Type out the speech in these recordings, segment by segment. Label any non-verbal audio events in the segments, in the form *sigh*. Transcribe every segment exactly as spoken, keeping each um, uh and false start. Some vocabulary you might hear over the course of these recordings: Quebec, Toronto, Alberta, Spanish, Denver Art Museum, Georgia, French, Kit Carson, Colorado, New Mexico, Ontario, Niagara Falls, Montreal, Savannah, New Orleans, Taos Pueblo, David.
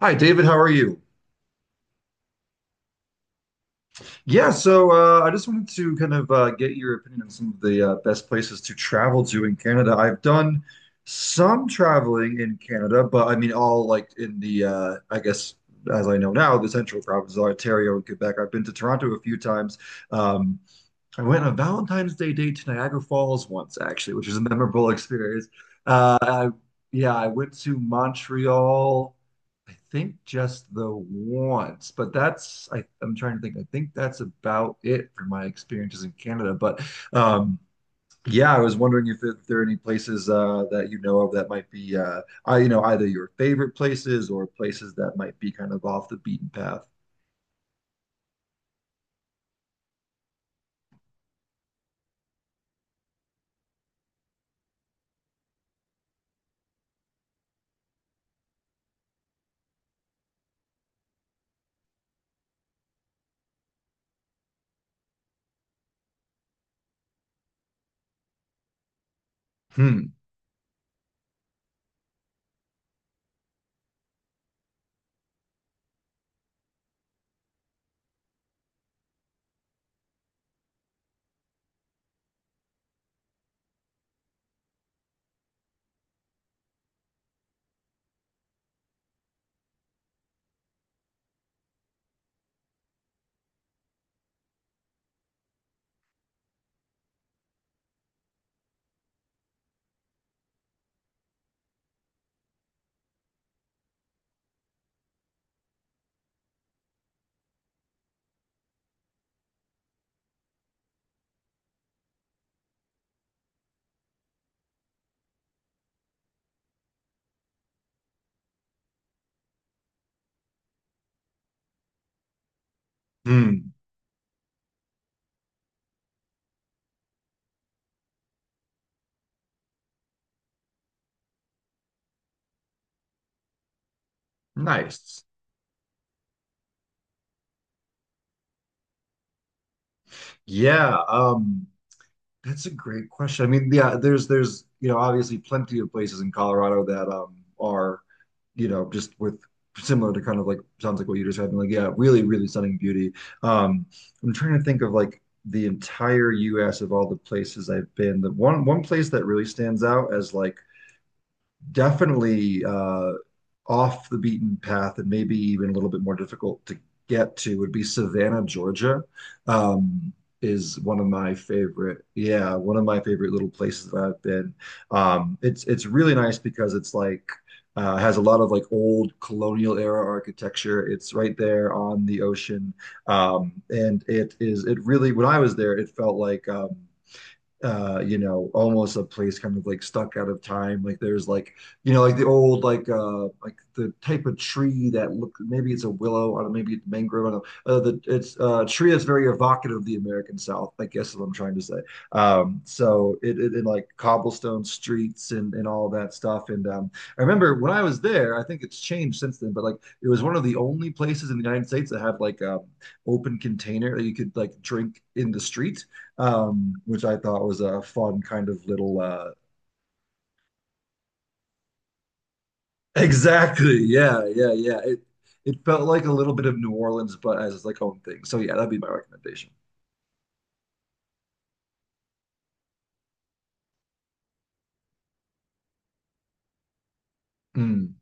Hi, David. How are you? Yeah, so uh, I just wanted to kind of uh, get your opinion on some of the uh, best places to travel to in Canada. I've done some traveling in Canada, but I mean, all like in the, uh, I guess, as I know now, the central provinces, Ontario and Quebec. I've been to Toronto a few times. Um, I went on a Valentine's Day date to Niagara Falls once, actually, which was a memorable experience. Uh, I, yeah, I went to Montreal, I think just the once, but that's, I, I'm trying to think. I think that's about it for my experiences in Canada. But um, yeah, I was wondering if, there, if there are any places uh, that you know of that might be, uh, I, you know, either your favorite places or places that might be kind of off the beaten path. Hmm. Hmm. Nice. Yeah. Um, that's a great question. I mean, yeah, there's there's you know obviously plenty of places in Colorado that um are you know just with similar to kind of like sounds like what you just had, like yeah, really really stunning beauty. Um, I'm trying to think of like the entire U S of all the places I've been. The one one place that really stands out as like definitely uh, off the beaten path and maybe even a little bit more difficult to get to would be Savannah, Georgia. Um, is one of my favorite, yeah, one of my favorite little places that I've been. Um, it's it's really nice because it's like uh, has a lot of like old colonial era architecture. It's right there on the ocean, um, and it is it really when I was there, it felt like um, uh you know almost a place kind of like stuck out of time like there's like you know like the old like uh like the type of tree that look maybe it's a willow I don't know, maybe it's mangrove I don't know uh, the it's uh, a tree that's very evocative of the American South I guess is what I'm trying to say um so it, it, it like cobblestone streets and and all that stuff and um I remember when I was there I think it's changed since then but like it was one of the only places in the United States that had like um open container that you could like drink in the street um, which I thought was a fun kind of little. Uh, *laughs* exactly. Yeah. Yeah. Yeah. It it felt like a little bit of New Orleans, but as like home thing. So yeah, that'd be my recommendation. Mm.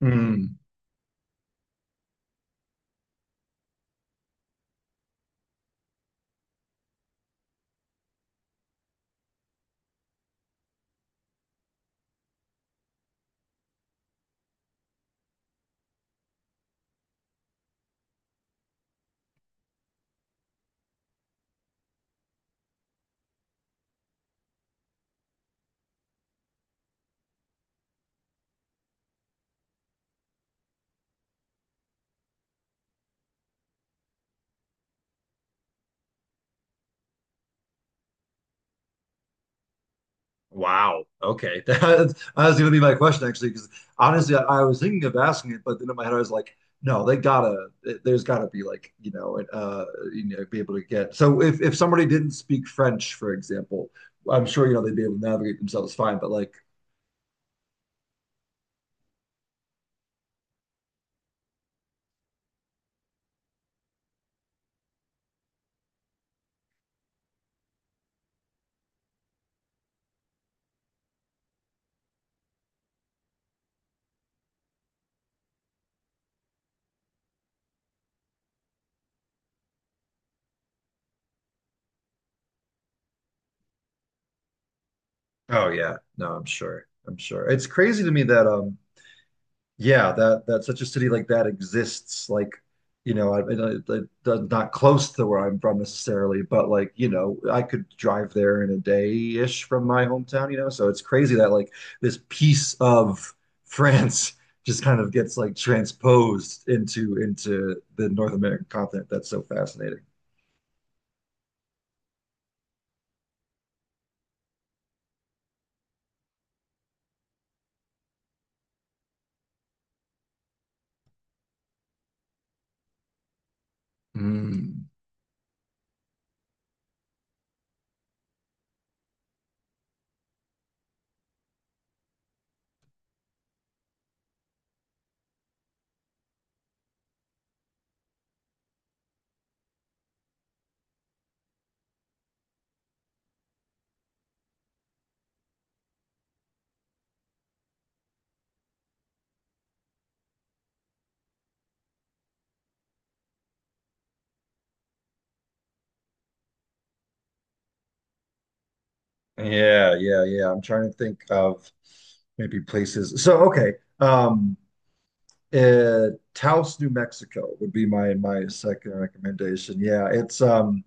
Mm. Wow. Okay. *laughs* That's, that was going to be my question actually, because honestly, I, I was thinking of asking it, but then in my head I was like, no, they gotta. There's gotta be like you know, uh, you know, be able to get. So if if somebody didn't speak French, for example, I'm sure you know they'd be able to navigate themselves fine. But like, oh yeah, no, I'm sure. I'm sure. It's crazy to me that um yeah, that that such a city like that exists like you know, I, I, I, I- not close to where I'm from necessarily, but like, you know, I could drive there in a day-ish from my hometown, you know. So it's crazy that like this piece of *laughs* France just kind of gets like transposed into into the North American continent. That's so fascinating. Mm. Yeah, yeah, yeah. I'm trying to think of maybe places. So okay. Um Uh, Taos, New Mexico would be my my second recommendation. Yeah, it's um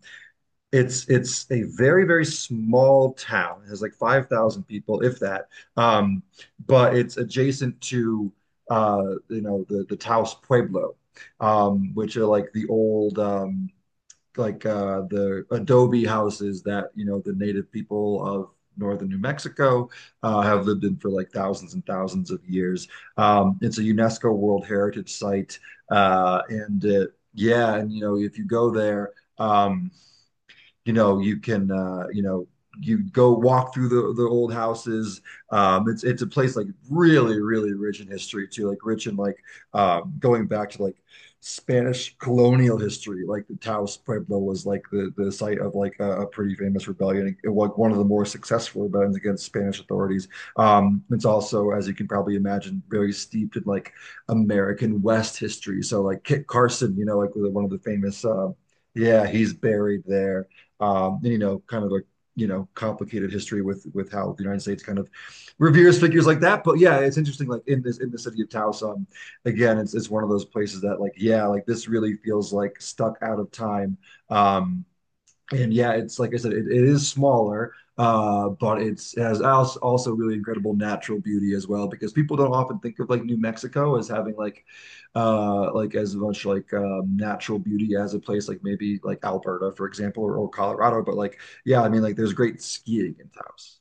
it's it's a very very small town. It has like five thousand people if that. Um but it's adjacent to uh you know the the Taos Pueblo um which are like the old um like uh, the adobe houses that you know the native people of northern New Mexico, uh, have lived in for like thousands and thousands of years. Um, it's a UNESCO World Heritage Site, uh, and uh, yeah, and you know if you go there, um, you know you can uh, you know you go walk through the, the old houses. Um, it's it's a place like really really rich in history too, like rich in like um, going back to like Spanish colonial history. Like the Taos Pueblo was like the the site of like a, a pretty famous rebellion, it, was one of the more successful rebellions against Spanish authorities. Um, it's also, as you can probably imagine, very steeped in like American West history. So like Kit Carson, you know, like one of the famous. Uh, yeah, he's buried there um, and you know, kind of like you know, complicated history with with how the United States kind of reveres figures like that. But yeah, it's interesting. Like in this in the city of Taos, um, again, it's it's one of those places that like yeah, like this really feels like stuck out of time. Um, and yeah, it's like I said, it, it is smaller, uh, but it's it has also also really incredible natural beauty as well because people don't often think of like New Mexico as having like uh like as much like um, natural beauty as a place like maybe like Alberta, for example, or, or Colorado. But like yeah, I mean like there's great skiing in Taos.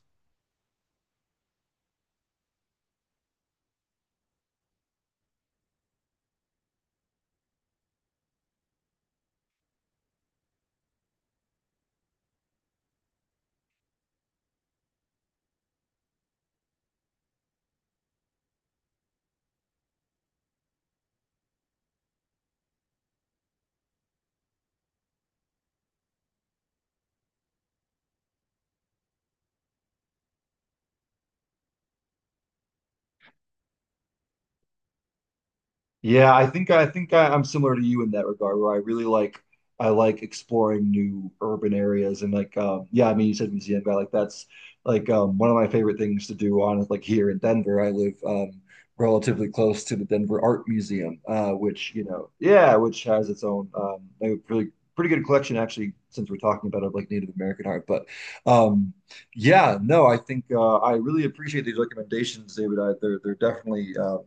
Yeah, I think I think I, I'm similar to you in that regard, where I really like I like exploring new urban areas and like um, yeah, I mean you said museum guy, like that's like um, one of my favorite things to do on like here in Denver. I live um, relatively close to the Denver Art Museum, uh, which you know yeah, which has its own um, a really pretty good collection actually, since we're talking about of like Native American art, but um, yeah, no, I think uh, I really appreciate these recommendations, David. I, they're they're definitely. Um,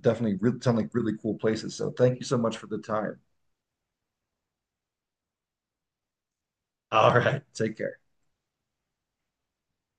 definitely re- sound like really cool places. So thank you so much for the time. All right. Take care.